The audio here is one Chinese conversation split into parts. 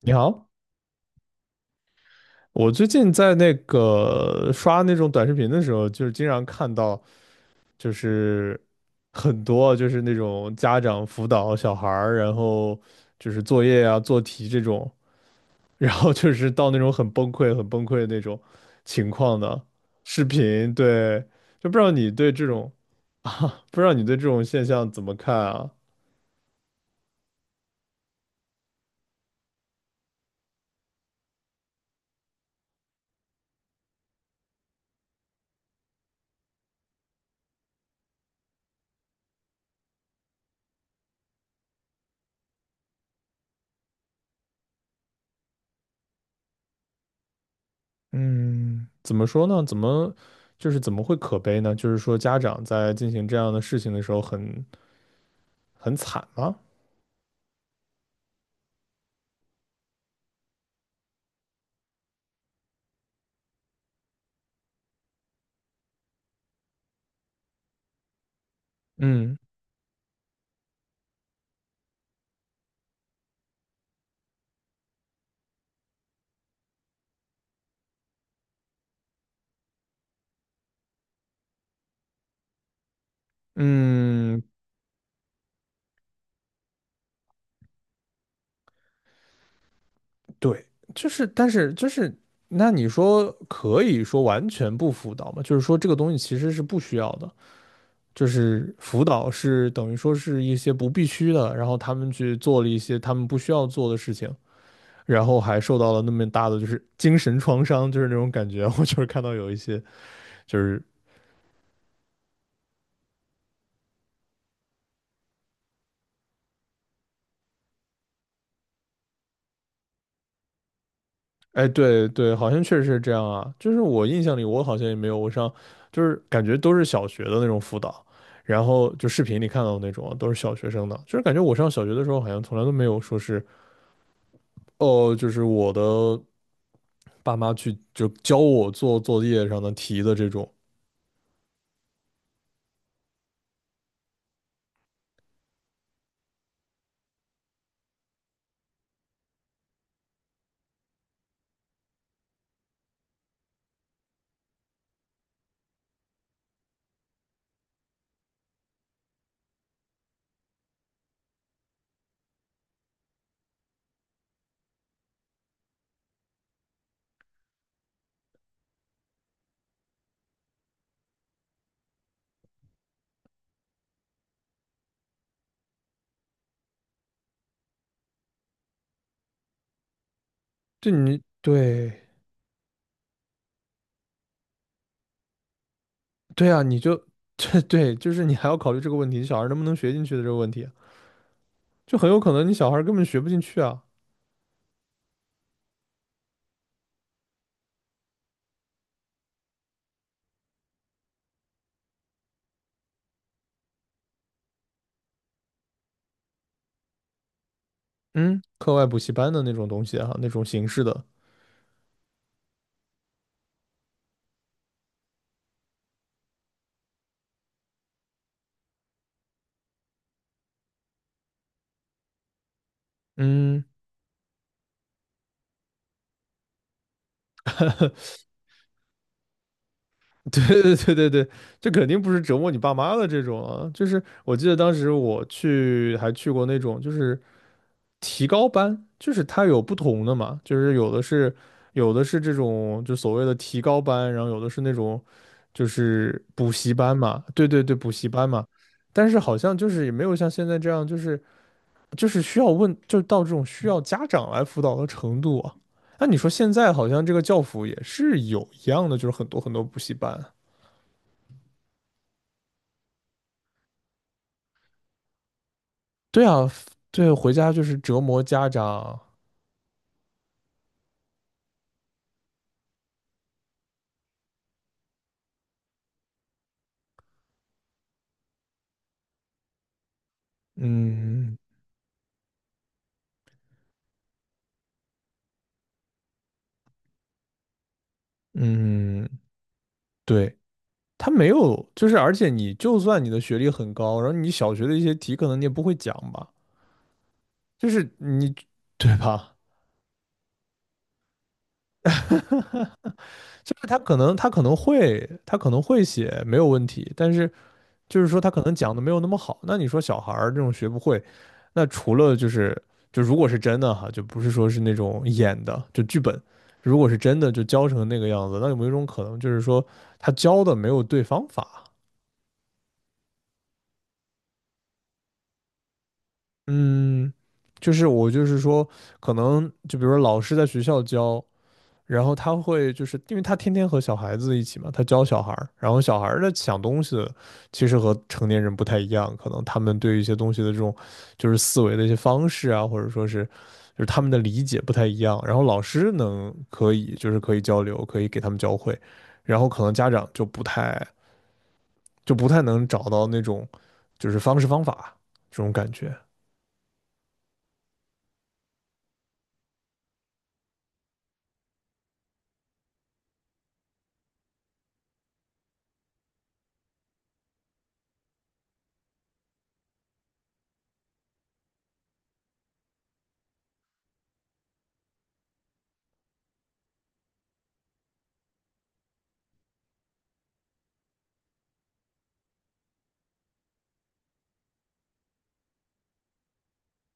你好。我最近在那个刷那种短视频的时候，就是经常看到，就是很多就是那种家长辅导小孩儿，然后就是作业啊、做题这种，然后就是到那种很崩溃、很崩溃的那种情况的视频。对，就不知道你对这种，不知道你对这种现象怎么看啊？嗯，怎么说呢？就是怎么会可悲呢？就是说家长在进行这样的事情的时候很惨吗？嗯嗯，对，就是，但是就是，那你说可以说完全不辅导吗？就是说这个东西其实是不需要的，就是辅导是等于说是一些不必须的，然后他们去做了一些他们不需要做的事情，然后还受到了那么大的就是精神创伤，就是那种感觉。我就是看到有一些就是哎，对对，好像确实是这样啊。就是我印象里，我好像也没有，我上就是感觉都是小学的那种辅导，然后就视频里看到的那种啊，都是小学生的。就是感觉我上小学的时候，好像从来都没有说是哦，就是我的爸妈去就教我做作业上的题的这种。就你对对啊，你就 对对，就是你还要考虑这个问题，小孩能不能学进去的这个问题啊，就很有可能你小孩根本学不进去啊。嗯，课外补习班的那种东西哈、啊，那种形式的，嗯。对对对对对，这肯定不是折磨你爸妈的这种啊，就是我记得当时我去还去过那种就是提高班，就是它有不同的嘛，就是有的是这种就所谓的提高班，然后有的是那种就是补习班嘛，对对对，补习班嘛，但是好像就是也没有像现在这样，就是需要问，就到这种需要家长来辅导的程度啊。那你说现在好像这个教辅也是有一样的，就是很多很多补习班啊。对啊，对，回家就是折磨家长。嗯嗯，对，他没有，就是而且你就算你的学历很高，然后你小学的一些题可能你也不会讲吧，就是你，对吧？就是他可能会写没有问题，但是就是说他可能讲的没有那么好。那你说小孩儿这种学不会，那除了就是就如果是真的哈，就不是说是那种演的，就剧本，如果是真的就教成那个样子，那有没有一种可能就是说他教的没有对方法？嗯，就是我就是说，可能就比如说老师在学校教，然后他会就是因为他天天和小孩子一起嘛，他教小孩儿，然后小孩儿的想东西其实和成年人不太一样，可能他们对一些东西的这种就是思维的一些方式啊，或者说是就是他们的理解不太一样。然后老师可以就是可以交流，可以给他们教会，然后可能家长就不太能找到那种就是方式方法这种感觉。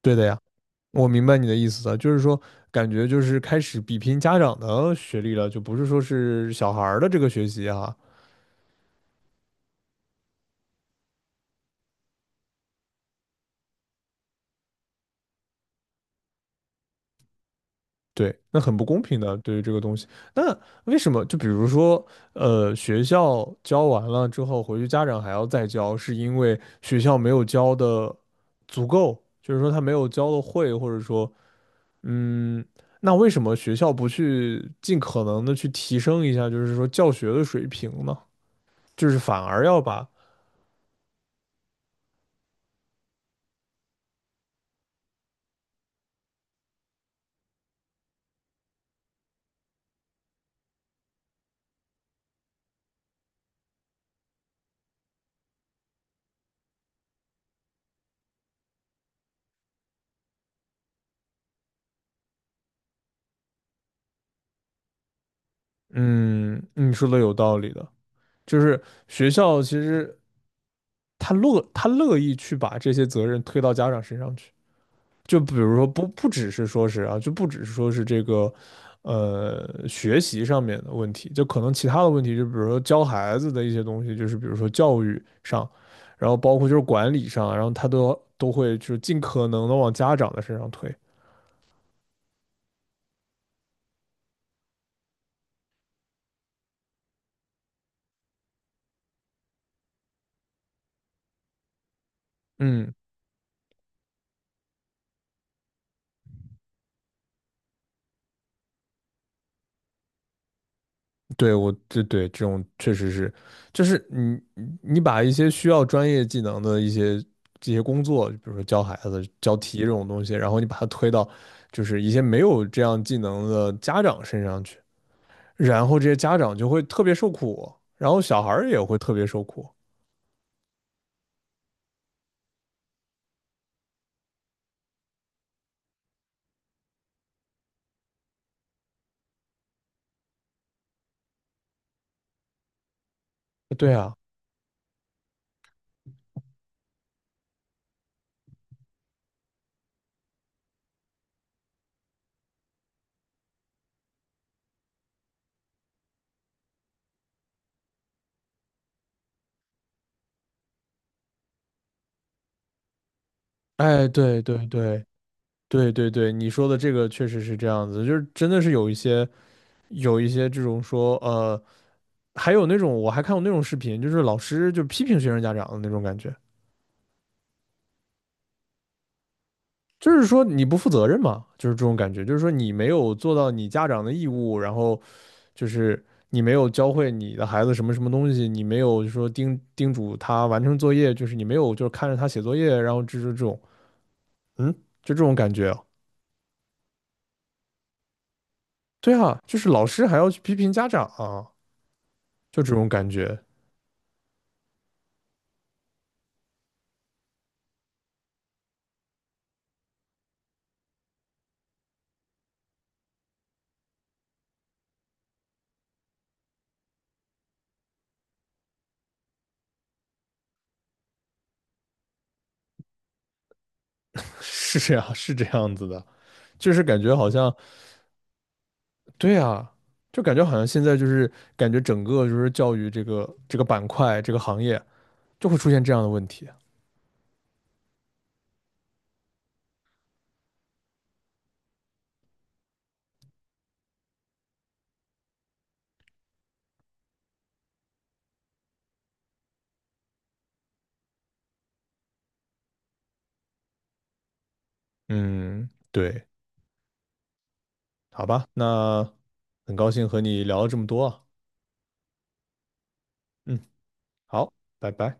对的呀。我明白你的意思了，就是说，感觉就是开始比拼家长的学历了，就不是说是小孩儿的这个学习哈。对，那很不公平的，对于这个东西。那为什么？就比如说，学校教完了之后，回去家长还要再教，是因为学校没有教的足够，就是说他没有教的会，或者说，嗯，那为什么学校不去尽可能的去提升一下，就是说教学的水平呢？就是反而要把嗯，你说的有道理的，就是学校其实他乐意去把这些责任推到家长身上去，就比如说不只是说是啊，就不只是说是这个学习上面的问题，就可能其他的问题，就比如说教孩子的一些东西，就是比如说教育上，然后包括就是管理上，然后他都会就是尽可能的往家长的身上推。嗯。对，我这对这种确实是，就是你把一些需要专业技能的一些这些工作，比如说教孩子、教题这种东西，然后你把它推到就是一些没有这样技能的家长身上去，然后这些家长就会特别受苦，然后小孩儿也会特别受苦。对啊，哎，对对对对对对，你说的这个确实是这样子，就是真的是有一些这种说还有那种我还看过那种视频，就是老师就批评学生家长的那种感觉，就是说你不负责任嘛，就是这种感觉，就是说你没有做到你家长的义务，然后就是你没有教会你的孩子什么什么东西，你没有说叮嘱他完成作业，就是你没有就是看着他写作业，然后就是这种，嗯，就这种感觉啊对啊，就是老师还要去批评家长啊，就这种感觉，是这样，是这样子的，就是感觉好像对啊，就感觉好像现在就是感觉整个就是教育这个板块这个行业就会出现这样的问题。嗯，对，好吧，那很高兴和你聊了这么多啊。嗯，好，拜拜。